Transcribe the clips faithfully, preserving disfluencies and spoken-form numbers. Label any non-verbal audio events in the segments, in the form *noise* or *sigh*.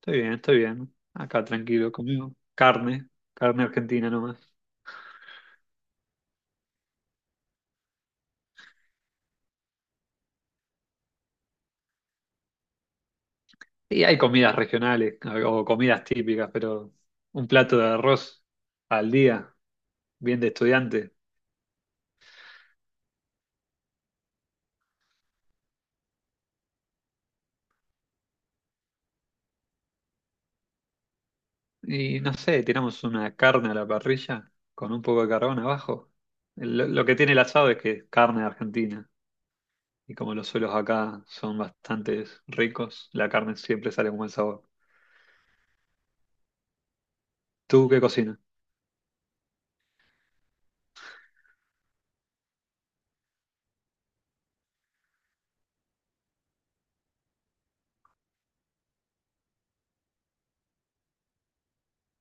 Estoy bien, estoy bien. Acá tranquilo, comiendo carne, carne argentina nomás. Y hay comidas regionales o comidas típicas, pero un plato de arroz al día, bien de estudiante. Y no sé, tiramos una carne a la parrilla con un poco de carbón abajo. Lo, lo que tiene el asado es que es carne argentina. Y como los suelos acá son bastante ricos, la carne siempre sale con buen sabor. ¿Tú qué cocinas?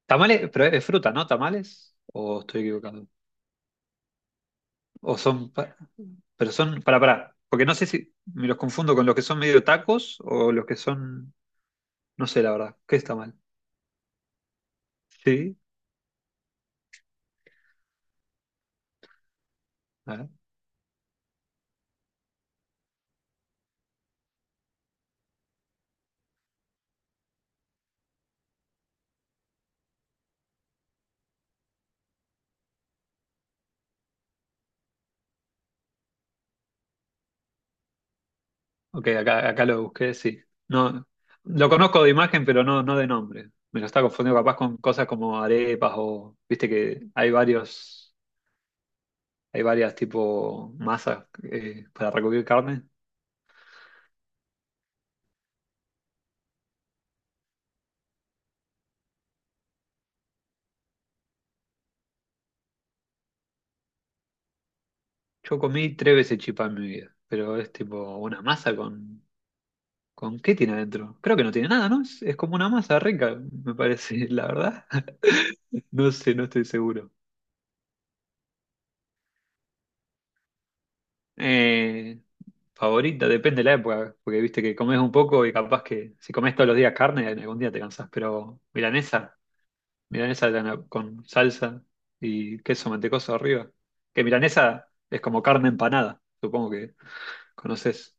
Tamales, pero es fruta, ¿no? ¿Tamales? ¿O estoy equivocado? ¿O son...? Pero son, para, para, porque no sé si me los confundo con los que son medio tacos o los que son, no sé la verdad, ¿qué está mal? Sí, a ver. Ok, acá, acá lo busqué, sí. No, lo conozco de imagen, pero no, no de nombre. Me lo está confundiendo capaz con cosas como arepas o, viste que hay varios, hay varias tipo masas eh, para recubrir carne. Yo comí tres veces chipá en mi vida, pero es tipo una masa con ¿con qué tiene adentro? Creo que no tiene nada, ¿no? Es, es como una masa rica, me parece, *laughs* la verdad. *laughs* No sé, no estoy seguro. Eh, Favorita, depende de la época, porque viste que comes un poco y capaz que si comes todos los días carne, algún día te cansás, pero milanesa, milanesa de la- con salsa y queso mantecoso arriba. Que milanesa es como carne empanada, supongo que conoces.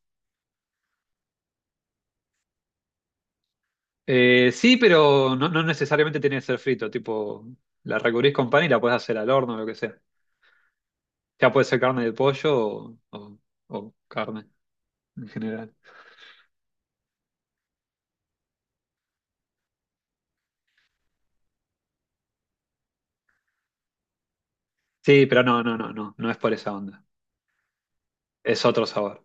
Eh, sí, pero no, no necesariamente tiene que ser frito, tipo, la recubrís con pan y la puedes hacer al horno o lo que sea. Ya puede ser carne de pollo o, o- o carne en general. Sí, pero no, no, no, no, no es por esa onda. Es otro sabor.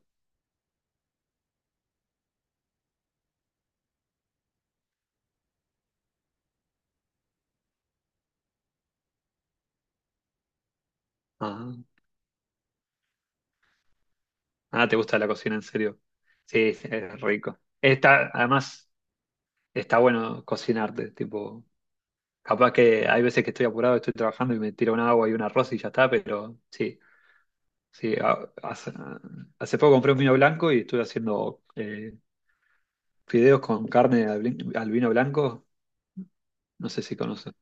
Ah, ah, ¿te gusta la cocina en serio? Sí, sí, es rico. Está, además, está bueno cocinarte, tipo, capaz que hay veces que estoy apurado, estoy trabajando y me tiro un agua y un arroz y ya está, pero sí, sí. ha- Hace, hace poco compré un vino blanco y estuve haciendo eh, fideos con carne al vin- al vino blanco, no sé si conoces.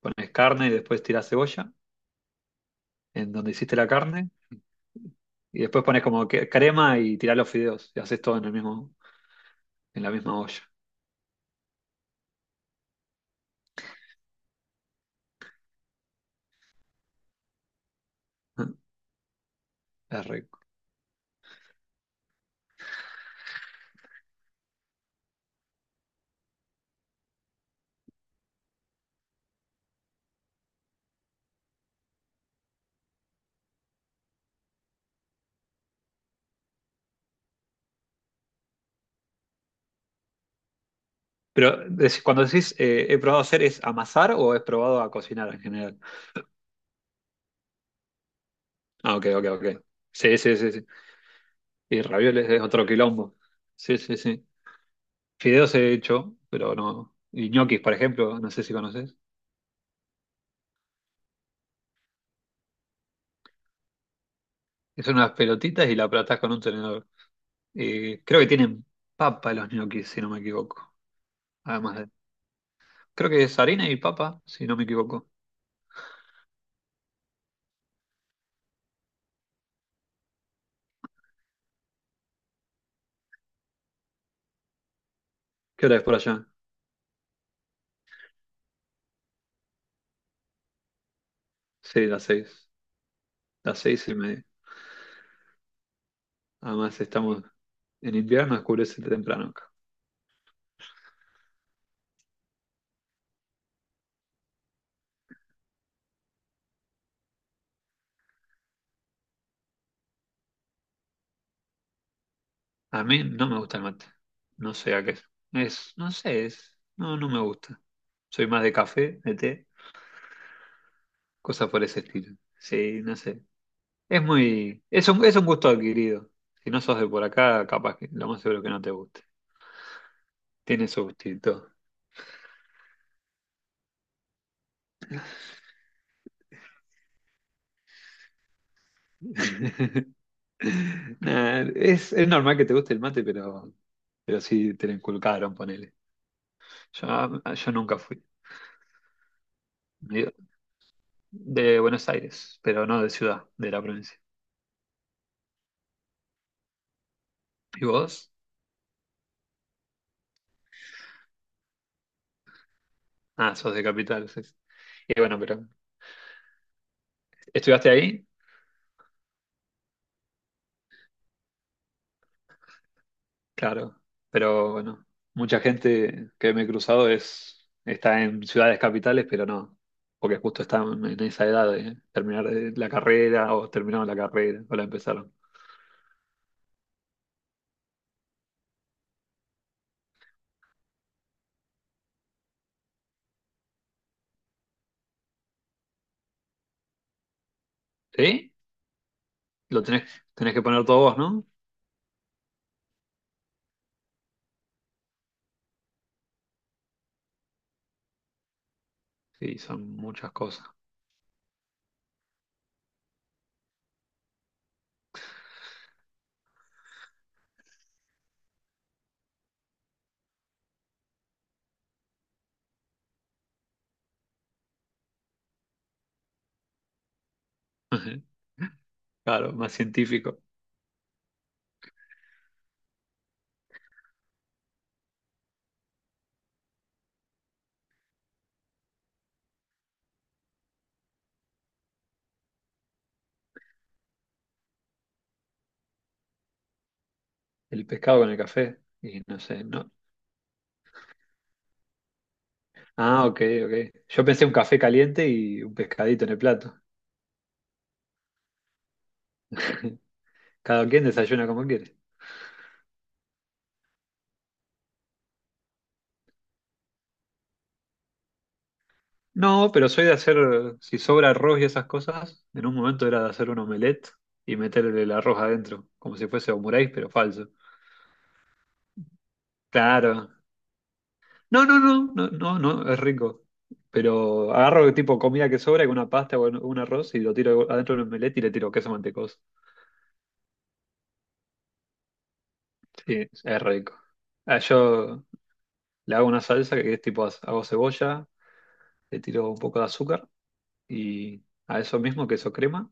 Pones carne y después tirás cebolla en donde hiciste la carne y después pones como que- crema y tirás los fideos y haces todo en el mismo, en la misma olla. *laughs* Es rico. Pero dec- cuando decís eh, he probado hacer, ¿es amasar o he probado a cocinar en general? Ah, ok, ok, ok. Sí, sí, sí, sí. Y ravioles es otro quilombo. Sí, sí, sí. Fideos he hecho, pero no. Y ñoquis, por ejemplo, no sé si conoces. Que son unas pelotitas y la aplatás con un tenedor. Y creo que tienen papa los ñoquis, si no me equivoco. Además de. Creo que es harina y papa, si no me equivoco. ¿Qué hora es por allá? Sí, las seis. Las seis y media. Además, estamos en invierno, oscurece temprano acá. A mí no me gusta el mate. No sé a qué es. Es, no sé, es. No, no me gusta. Soy más de café, de té, cosas por ese estilo. Sí, no sé. Es muy. Es un, es un gusto adquirido. Si no sos de por acá, capaz que lo más seguro que no te guste. Tiene su gustito. *laughs* Nah, es, es normal que te guste el mate, pero, pero sí te lo inculcaron, ponele. Yo, yo nunca fui. Digo, de Buenos Aires, pero no de ciudad, de la provincia. ¿Y vos? Ah, sos de capital, sí. Y bueno, pero ¿estudiaste ahí? Claro, pero bueno, mucha gente que me he cruzado es, está en ciudades capitales, pero no, porque justo están en esa edad de terminar eh, la carrera o terminaron la carrera o la empezaron. ¿Sí? Lo tenés, tenés que poner todo vos, ¿no? Sí, son muchas cosas. *laughs* Claro, más científico. El pescado con el café. Y no sé, no, ah, ok, ok. Yo pensé un café caliente y un pescadito en el plato. *laughs* Cada quien desayuna como quiere. No, pero soy de hacer, si sobra arroz y esas cosas, en un momento era de hacer un omelette y meterle el arroz adentro, como si fuese omuráis, pero falso. Claro. No, no, no, no, no, no, es rico. Pero agarro tipo comida que sobra, una pasta o un un arroz y lo tiro adentro de un omelette y le tiro queso mantecoso. Sí, es rico. Ah, yo le hago una salsa que es tipo, hago cebolla, le tiro un poco de azúcar y a eso mismo, queso crema,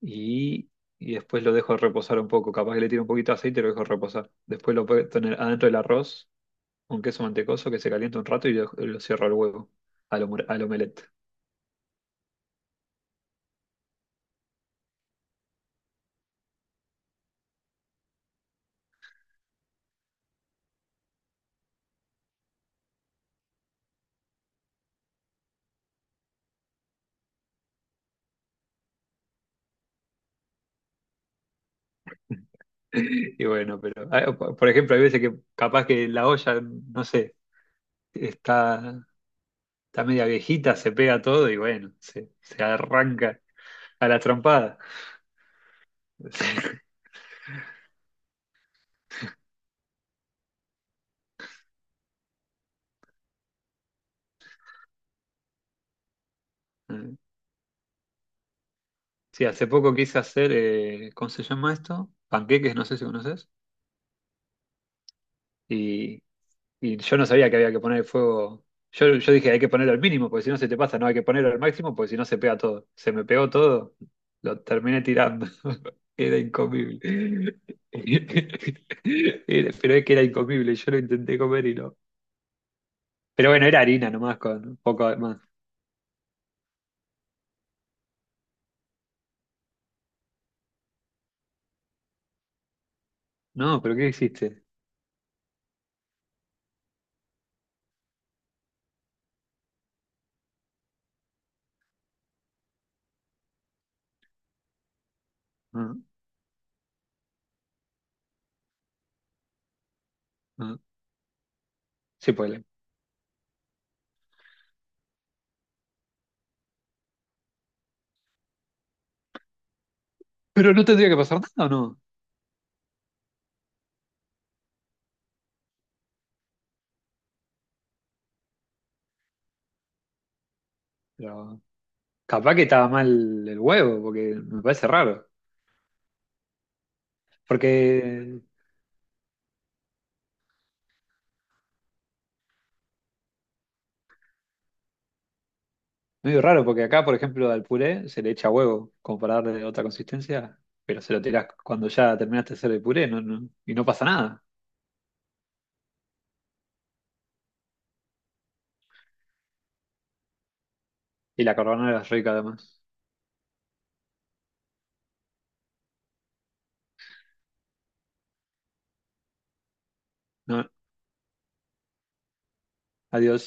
y, y después lo dejo reposar un poco. Capaz que le tiro un poquito de aceite y lo dejo reposar. Después lo puedo tener adentro del arroz, un queso mantecoso que se calienta un rato y lo, lo cierro al huevo, al, omel- al omelette. *laughs* Y bueno, pero ah, po- por ejemplo, hay veces que capaz que la olla, no sé, está, está media viejita, se pega todo y bueno, se, se arranca a la trompada. *laughs* Sí, hace poco quise hacer, eh, ¿cómo se llama esto? Panqueques, no sé si conoces. Y, y yo no sabía que había que poner el fuego. Yo, yo dije, hay que ponerlo al mínimo, porque si no se te pasa, no hay que ponerlo al máximo, porque si no se pega todo. Se me pegó todo, lo terminé tirando. *laughs* Era incomible. *laughs* Era- pero es que era incomible, yo lo intenté comer y no. Pero bueno, era harina nomás, con un poco de más. No, pero ¿qué hiciste? No, no, sí puede. Pero no tendría que pasar nada, ¿o no? Pero capaz que estaba mal el huevo, porque me parece raro. Porque medio raro, porque acá, por ejemplo, al puré se le echa huevo, como para darle otra consistencia, pero se lo tirás cuando ya terminaste de hacer el puré, no, no, y no pasa nada. Y la carbonara es rica además. No, adiós.